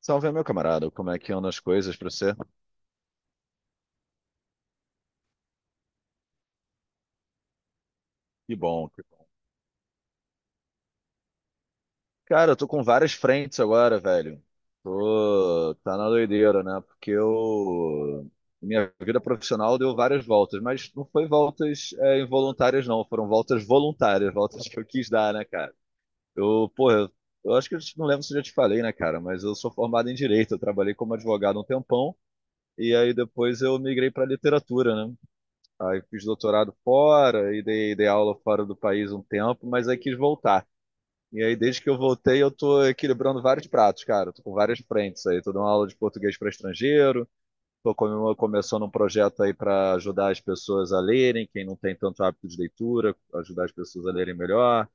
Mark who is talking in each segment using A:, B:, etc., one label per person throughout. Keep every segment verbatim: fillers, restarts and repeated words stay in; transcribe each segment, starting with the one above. A: Salve, meu camarada. Como é que andam as coisas pra você? Que bom, que bom. Cara, eu tô com várias frentes agora, velho. Tô... Tá na doideira, né? Porque eu... Minha vida profissional deu várias voltas, mas não foi voltas é, involuntárias, não. Foram voltas voluntárias, voltas que eu quis dar, né, cara? Eu, porra, eu eu acho que eu te- não lembro se eu já te falei, né, cara? Mas eu sou formado em Direito. Eu trabalhei como advogado um tempão. E aí depois eu migrei pra literatura, né? Aí fiz doutorado fora e dei, dei aula fora do país um tempo, mas aí quis voltar. E aí, desde que eu voltei, eu tô equilibrando vários pratos, cara. Eu tô com várias frentes aí. Tô dando aula de português para estrangeiro, tô come- começando um projeto aí para ajudar as pessoas a lerem, quem não tem tanto hábito de leitura, ajudar as pessoas a lerem melhor.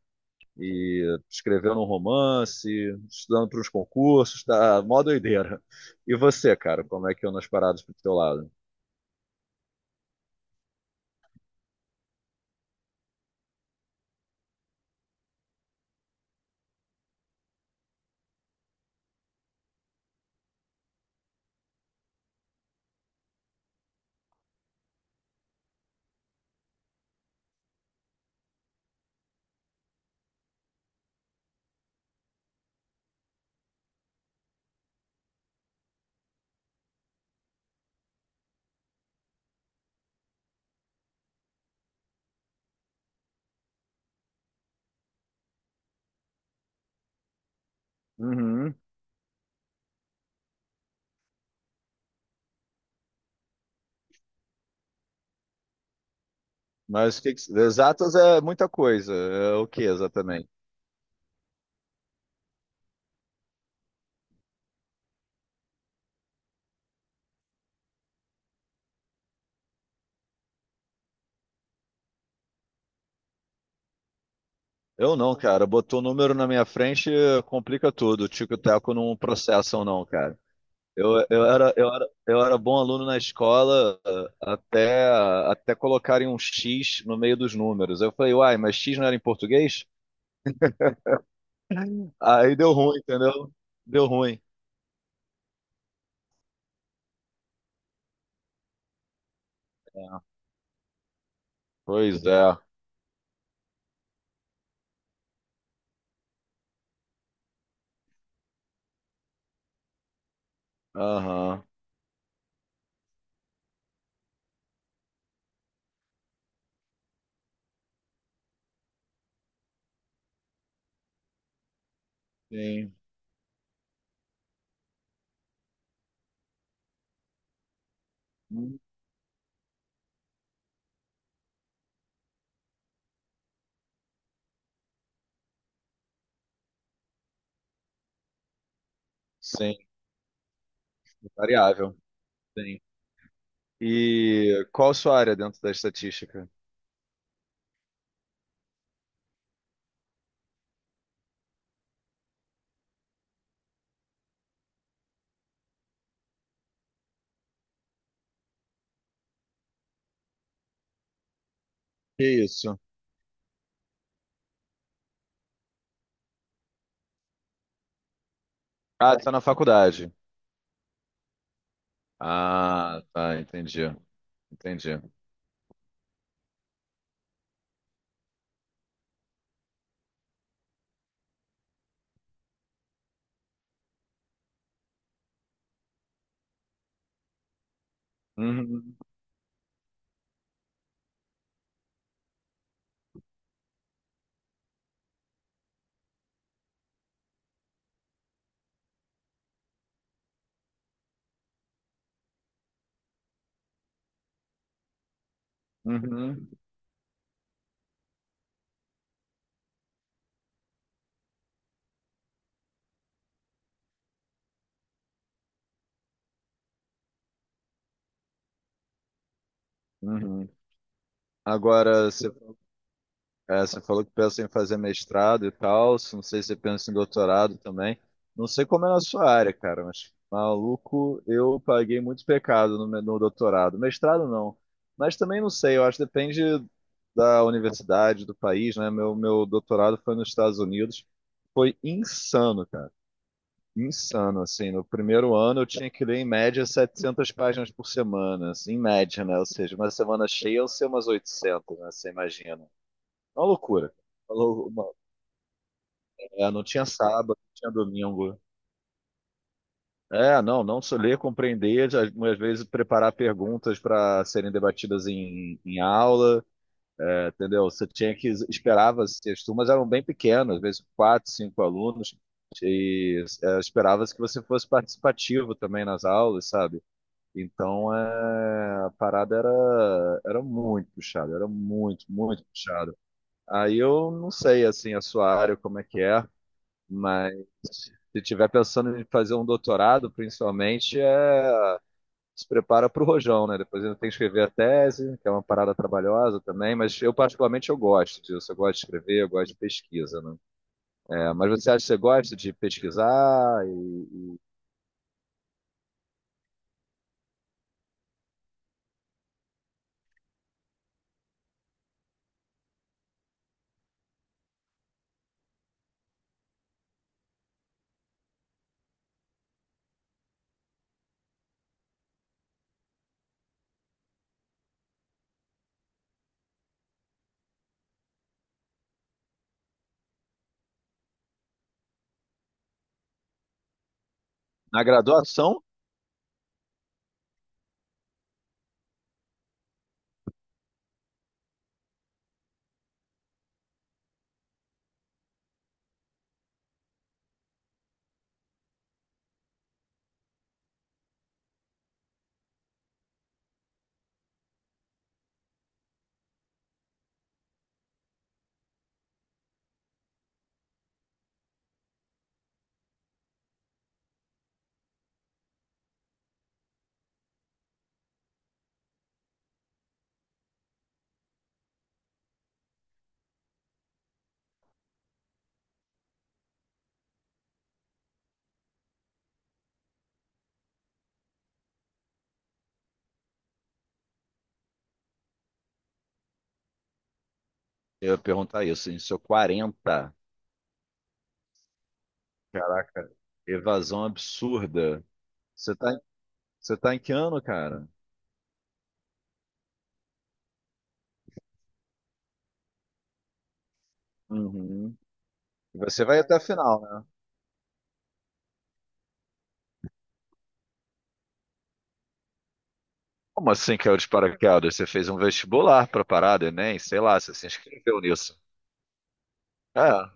A: E escrevendo um romance, estudando para uns concursos, tá mó doideira. E você, cara, como é que eu nas paradas pro teu lado? Uhum. Mas que que- exatas é muita coisa. É o que exatamente? Eu não, cara. Botou o número na minha frente, complica tudo. O Tico e Teco não processam, não, cara. Eu, eu era, eu era, eu era bom aluno na escola eh, até, até colocarem um X no meio dos números. Eu falei, uai, mas X não era em português? Aí deu ruim, entendeu? Deu ruim. Pois é. Aham. Sim. Sim. Variável. Sim. E qual a sua área dentro da estatística? Isso. Ah, está na faculdade. Ah, tá, entendi. Entendi. Uhum, uhum, uhum. Agora, você, é, você falou que pensa em fazer mestrado e tal. Se Não sei se você pensa em doutorado também. Não sei como é na sua área, cara, mas maluco, eu paguei muito pecado no, me- no doutorado. Mestrado não. Mas também não sei, eu acho que depende da universidade, do país, né? Meu, meu doutorado foi nos Estados Unidos. Foi insano, cara. Insano, assim, no primeiro ano eu tinha que ler em média setecentas páginas por semana, assim, em média, né, ou seja, uma semana cheia eu sei umas oitocentas, né, você imagina. É uma loucura. Uma lou- uma- é, não tinha sábado, não tinha domingo. É, não, não só ler, compreender, às às vezes preparar perguntas para serem debatidas em, em aula, entendeu? Você tinha que esperava, se as turmas eram bem pequenas, às vezes quatro, cinco alunos, e é, esperava-se que você fosse participativo também nas aulas, sabe? Então, é, a parada era, era muito puxada, era muito, muito puxada. Aí eu não sei, assim, a sua área, como é que é, mas se tiver pensando em fazer um doutorado, principalmente, é, se prepara para o rojão, né? Depois ainda tem que escrever a tese, que é uma parada trabalhosa também, mas eu particularmente eu gosto disso, eu gosto de escrever, eu gosto de pesquisa, né? É, mas você acha que você gosta de pesquisar? E... Na graduação, eu ia perguntar isso, em seu quarenta. Caraca, evasão absurda. Você tá, em- você tá em que ano, cara? Uhum. E você vai até a final, né? Como assim que é o de paraquedas? Você fez um vestibular pra parada, Enem? Sei lá, você se inscreveu nisso. É,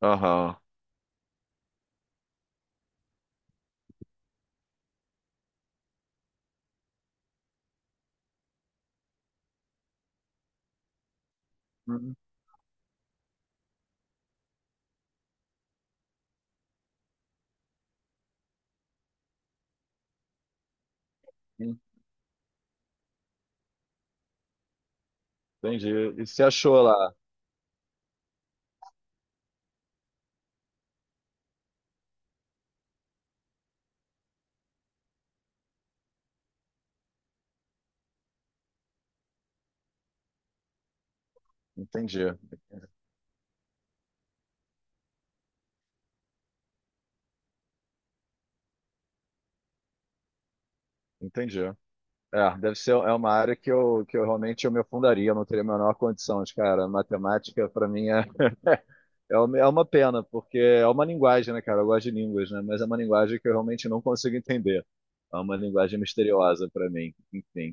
A: aham. Uhum. Entendi. E se achou lá? Entendi, entendi. É, deve ser, é uma área que eu, que eu realmente eu me afundaria, eu não teria a menor condição de, cara, matemática pra mim é... É uma é uma pena, porque é uma linguagem, né, cara? Eu gosto de línguas, né? Mas é uma linguagem que eu realmente não consigo entender. É uma linguagem misteriosa pra mim, enfim.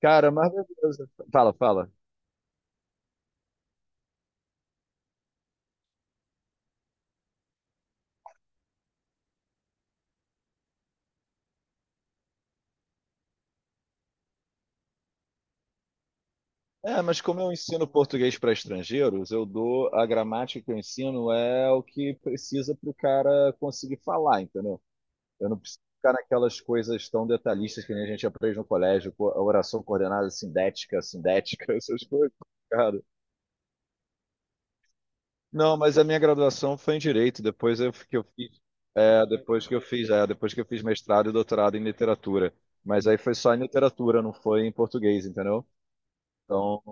A: Cara, mas beleza. Fala, fala. É, mas como eu ensino português para estrangeiros, eu dou a gramática que eu ensino é o que precisa para o cara conseguir falar, entendeu? Eu não preciso ficar naquelas coisas tão detalhistas que nem a gente aprende no colégio, co- oração coordenada sindética, sindética, essas coisas. Cara, não, mas a minha graduação foi em direito. Depois eu, que eu fiz, é, depois que eu fiz, é, depois que eu fiz mestrado e doutorado em literatura. Mas aí foi só em literatura, não foi em português, entendeu? Então,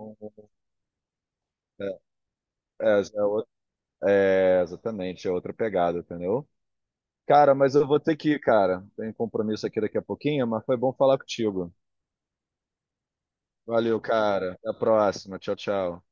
A: é, é o- é, exatamente, é outra pegada, entendeu? Cara, mas eu vou ter que ir, cara. Tem compromisso aqui daqui a pouquinho, mas foi bom falar contigo. Valeu, cara. Até a próxima. Tchau, tchau.